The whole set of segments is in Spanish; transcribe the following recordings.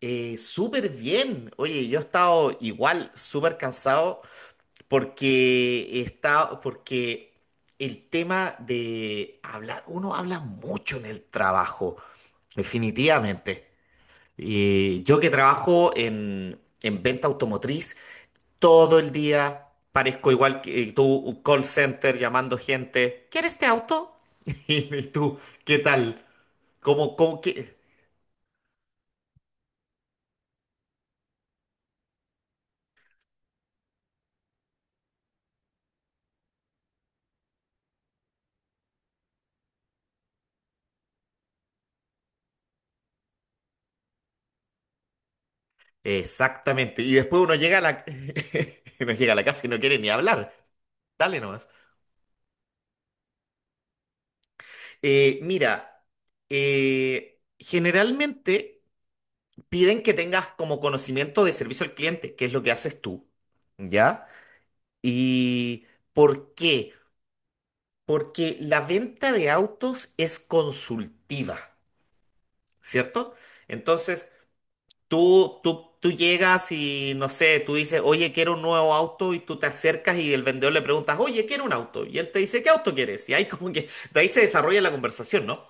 Súper bien. Oye, yo he estado igual, súper cansado, porque el tema de hablar, uno habla mucho en el trabajo, definitivamente. Yo que trabajo en venta automotriz, todo el día parezco igual que tú, un call center llamando gente, ¿quieres este auto? Y tú, ¿qué tal? ¿Cómo, qué? Exactamente. Y después uno llega a la, uno llega a la casa y no quiere ni hablar. Dale nomás. Mira, generalmente piden que tengas como conocimiento de servicio al cliente, que es lo que haces tú, ¿ya? ¿Y por qué? Porque la venta de autos es consultiva, ¿cierto? Entonces, tú llegas y no sé, tú dices, oye, quiero un nuevo auto y tú te acercas y el vendedor le preguntas, oye, quiero un auto. Y él te dice, ¿qué auto quieres? Y ahí como que de ahí se desarrolla la conversación, ¿no?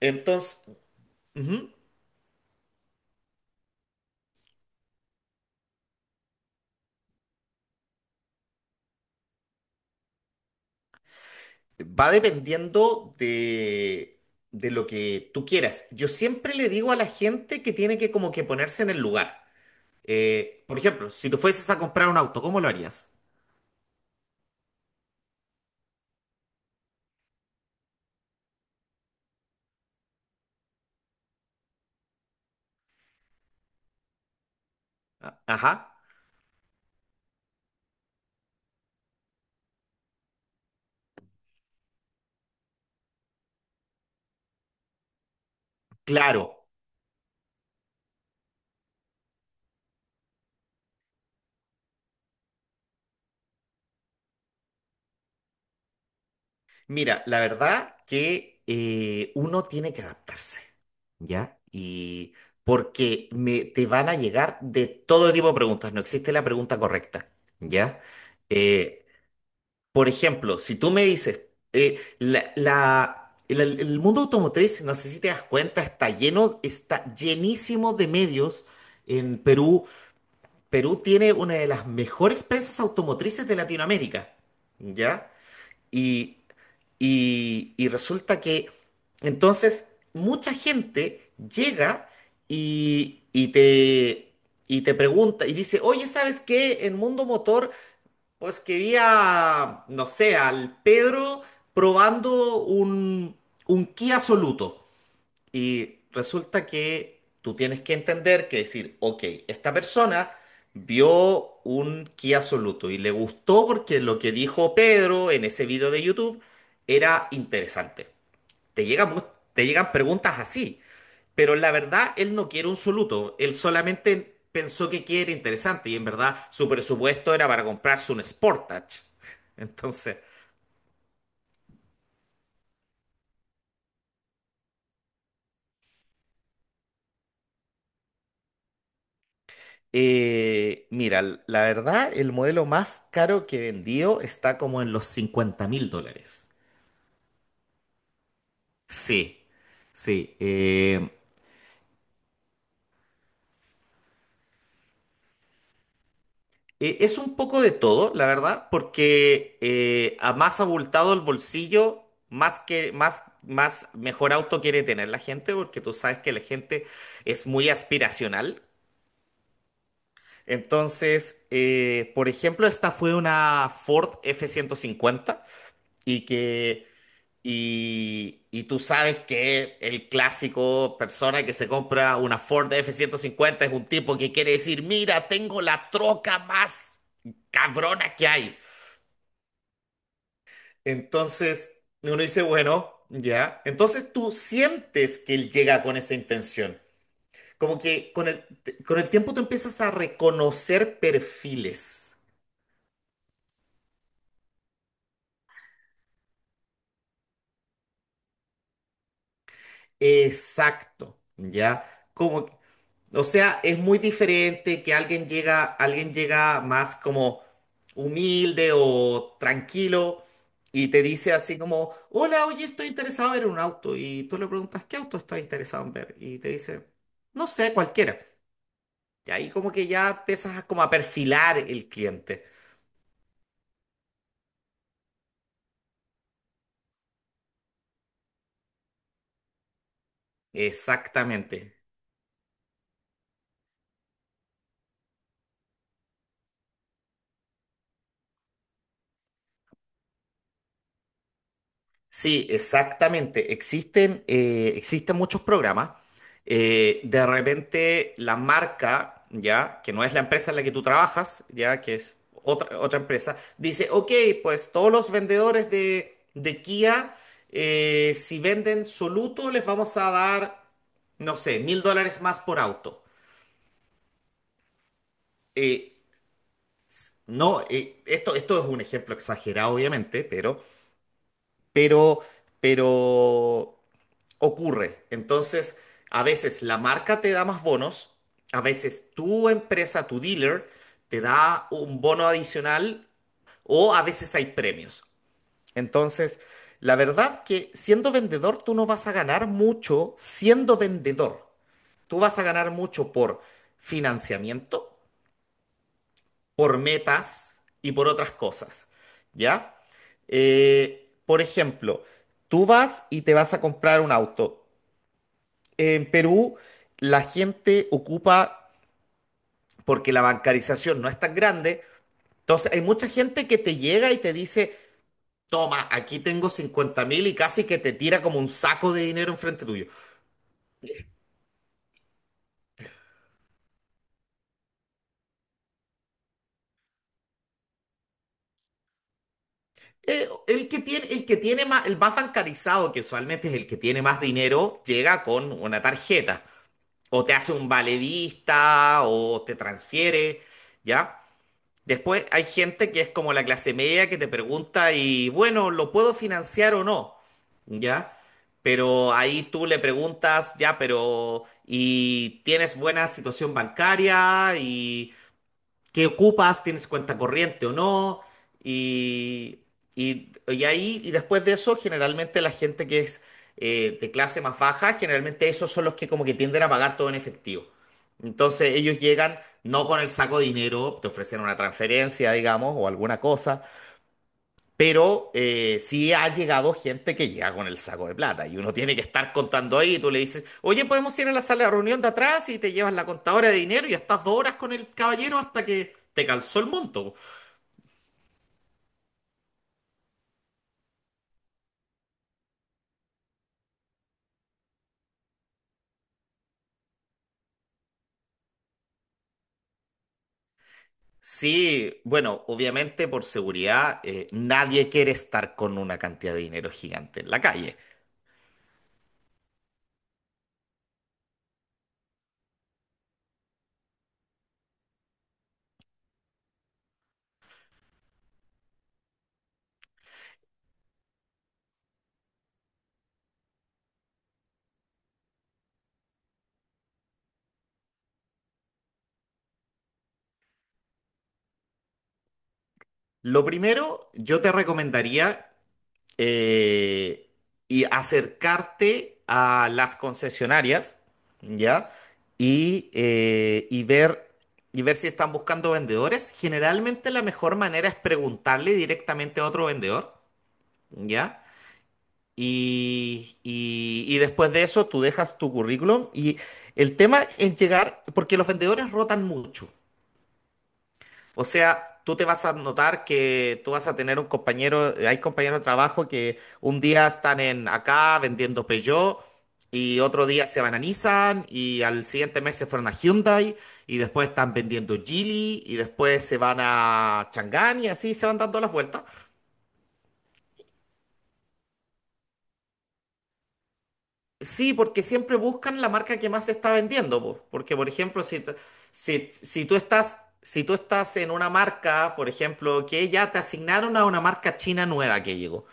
Entonces, ujú, va dependiendo de lo que tú quieras. Yo siempre le digo a la gente que tiene que como que ponerse en el lugar. Por ejemplo, si tú fueses a comprar un auto, ¿cómo lo harías? Ajá, claro. Mira, la verdad que uno tiene que adaptarse. ¿Ya? Y porque te van a llegar de todo tipo de preguntas, no existe la pregunta correcta, ¿ya? Eh, por ejemplo, si tú me dices, eh, la, la- el mundo automotriz, no sé si te das cuenta, está lleno, está llenísimo de medios en Perú. Perú tiene una de las mejores prensas automotrices de Latinoamérica, ¿ya? Y y resulta que entonces mucha gente llega y, y te, y te pregunta y dice, oye, ¿sabes qué? En Mundo Motor, pues quería, no sé, al Pedro probando un Kia Soluto. Y resulta que tú tienes que entender que decir, ok, esta persona vio un Kia Soluto y le gustó porque lo que dijo Pedro en ese video de YouTube era interesante. Te llegan, mu- te llegan preguntas así, pero la verdad él no quiere un Soluto, él solamente pensó que quiere interesante y en verdad su presupuesto era para comprarse un Sportage. Entonces... Mira, la verdad, el modelo más caro que he vendido está como en los $50,000. Sí, sí. Es un poco de todo, la verdad, porque a más abultado el bolsillo, más mejor auto quiere tener la gente, porque tú sabes que la gente es muy aspiracional. Entonces, por ejemplo, esta fue una Ford F-150 y que y tú sabes que el clásico persona que se compra una Ford F-150 es un tipo que quiere decir, mira, tengo la troca más cabrona que hay. Entonces uno dice, bueno, ya. Entonces tú sientes que él llega con esa intención. Como que con el tiempo tú empiezas a reconocer perfiles. Exacto, ¿ya? Como, o sea, es muy diferente que alguien llega más como humilde o tranquilo y te dice así como, hola, oye, estoy interesado en ver un auto. Y tú le preguntas, ¿qué auto estás interesado en ver? Y te dice, no sé, cualquiera. Y ahí como que ya empiezas a como a perfilar el cliente. Exactamente. Sí, exactamente. Existen muchos programas. De repente la marca, ya, que no es la empresa en la que tú trabajas, ya, que es otra empresa, dice, ok, pues todos los vendedores de Kia, si venden Soluto, les vamos a dar, no sé, $1,000 más por auto. Eh, no, esto es un ejemplo exagerado, obviamente, pero, pero, pero ocurre. Entonces, a veces la marca te da más bonos, a veces tu empresa, tu dealer, te da un bono adicional o a veces hay premios. Entonces, la verdad que siendo vendedor tú no vas a ganar mucho siendo vendedor. Tú vas a ganar mucho por financiamiento, por metas y por otras cosas. ¿Ya? Por ejemplo, tú vas y te vas a comprar un auto. En Perú la gente ocupa, porque la bancarización no es tan grande, entonces hay mucha gente que te llega y te dice, toma, aquí tengo 50,000 y casi que te tira como un saco de dinero enfrente tuyo. El que tiene más, el más bancarizado, que usualmente es el que tiene más dinero, llega con una tarjeta o te hace un vale vista o te transfiere, ¿ya? Después hay gente que es como la clase media que te pregunta y bueno, ¿lo puedo financiar o no? ¿Ya? Pero ahí tú le preguntas, ya, pero ¿y tienes buena situación bancaria? ¿Y qué ocupas, tienes cuenta corriente o no, y, y ahí, y después de eso, generalmente la gente que es de clase más baja, generalmente esos son los que como que tienden a pagar todo en efectivo. Entonces ellos llegan no con el saco de dinero, te ofrecen una transferencia, digamos, o alguna cosa, pero sí ha llegado gente que llega con el saco de plata y uno tiene que estar contando ahí y tú le dices, oye, podemos ir a la sala de reunión de atrás y te llevas la contadora de dinero y estás 2 horas con el caballero hasta que te calzó el monto. Sí, bueno, obviamente por seguridad, nadie quiere estar con una cantidad de dinero gigante en la calle. Lo primero, yo te recomendaría, eh, y acercarte a las concesionarias, ¿ya? Y, eh, y ver, y ver si están buscando vendedores. Generalmente la mejor manera es preguntarle directamente a otro vendedor, ¿ya? Y después de eso tú dejas tu currículum y el tema es llegar, porque los vendedores rotan mucho, o sea, tú te vas a notar que tú vas a tener un compañero, hay compañeros de trabajo que un día están en acá vendiendo Peugeot y otro día se van a Nissan y al siguiente mes se fueron a Hyundai y después están vendiendo Geely y después se van a Chang'an y así se van dando las vueltas. Sí, porque siempre buscan la marca que más se está vendiendo, po. Porque, por ejemplo, si, si tú estás, si tú estás en una marca, por ejemplo, que ya te asignaron a una marca china nueva que llegó.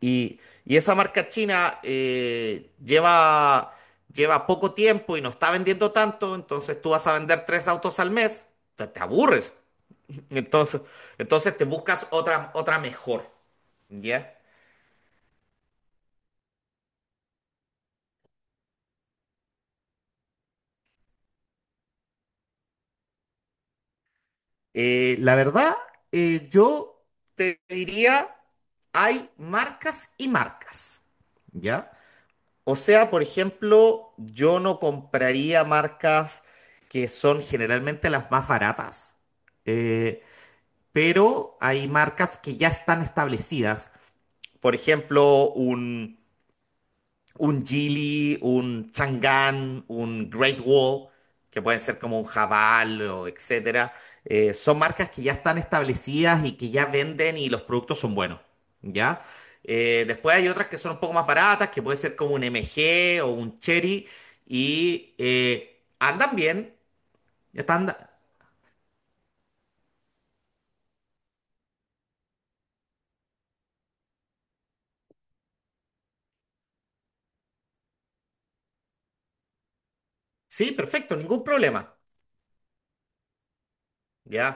Y esa marca china lleva poco tiempo y no está vendiendo tanto, entonces tú vas a vender tres autos al mes, te aburres. Entonces, entonces te buscas otra mejor, ¿ya? La verdad, yo te diría, hay marcas y marcas, ¿ya? O sea, por ejemplo, yo no compraría marcas que son generalmente las más baratas. Eh, pero hay marcas que ya están establecidas. Por ejemplo, un Geely, un Chang'an, un Great Wall, que pueden ser como un javal o etcétera. Son marcas que ya están establecidas y que ya venden y los productos son buenos, ¿ya? Después hay otras que son un poco más baratas, que puede ser como un MG o un Cherry y andan bien, están, sí, perfecto, ningún problema. ¿Ya?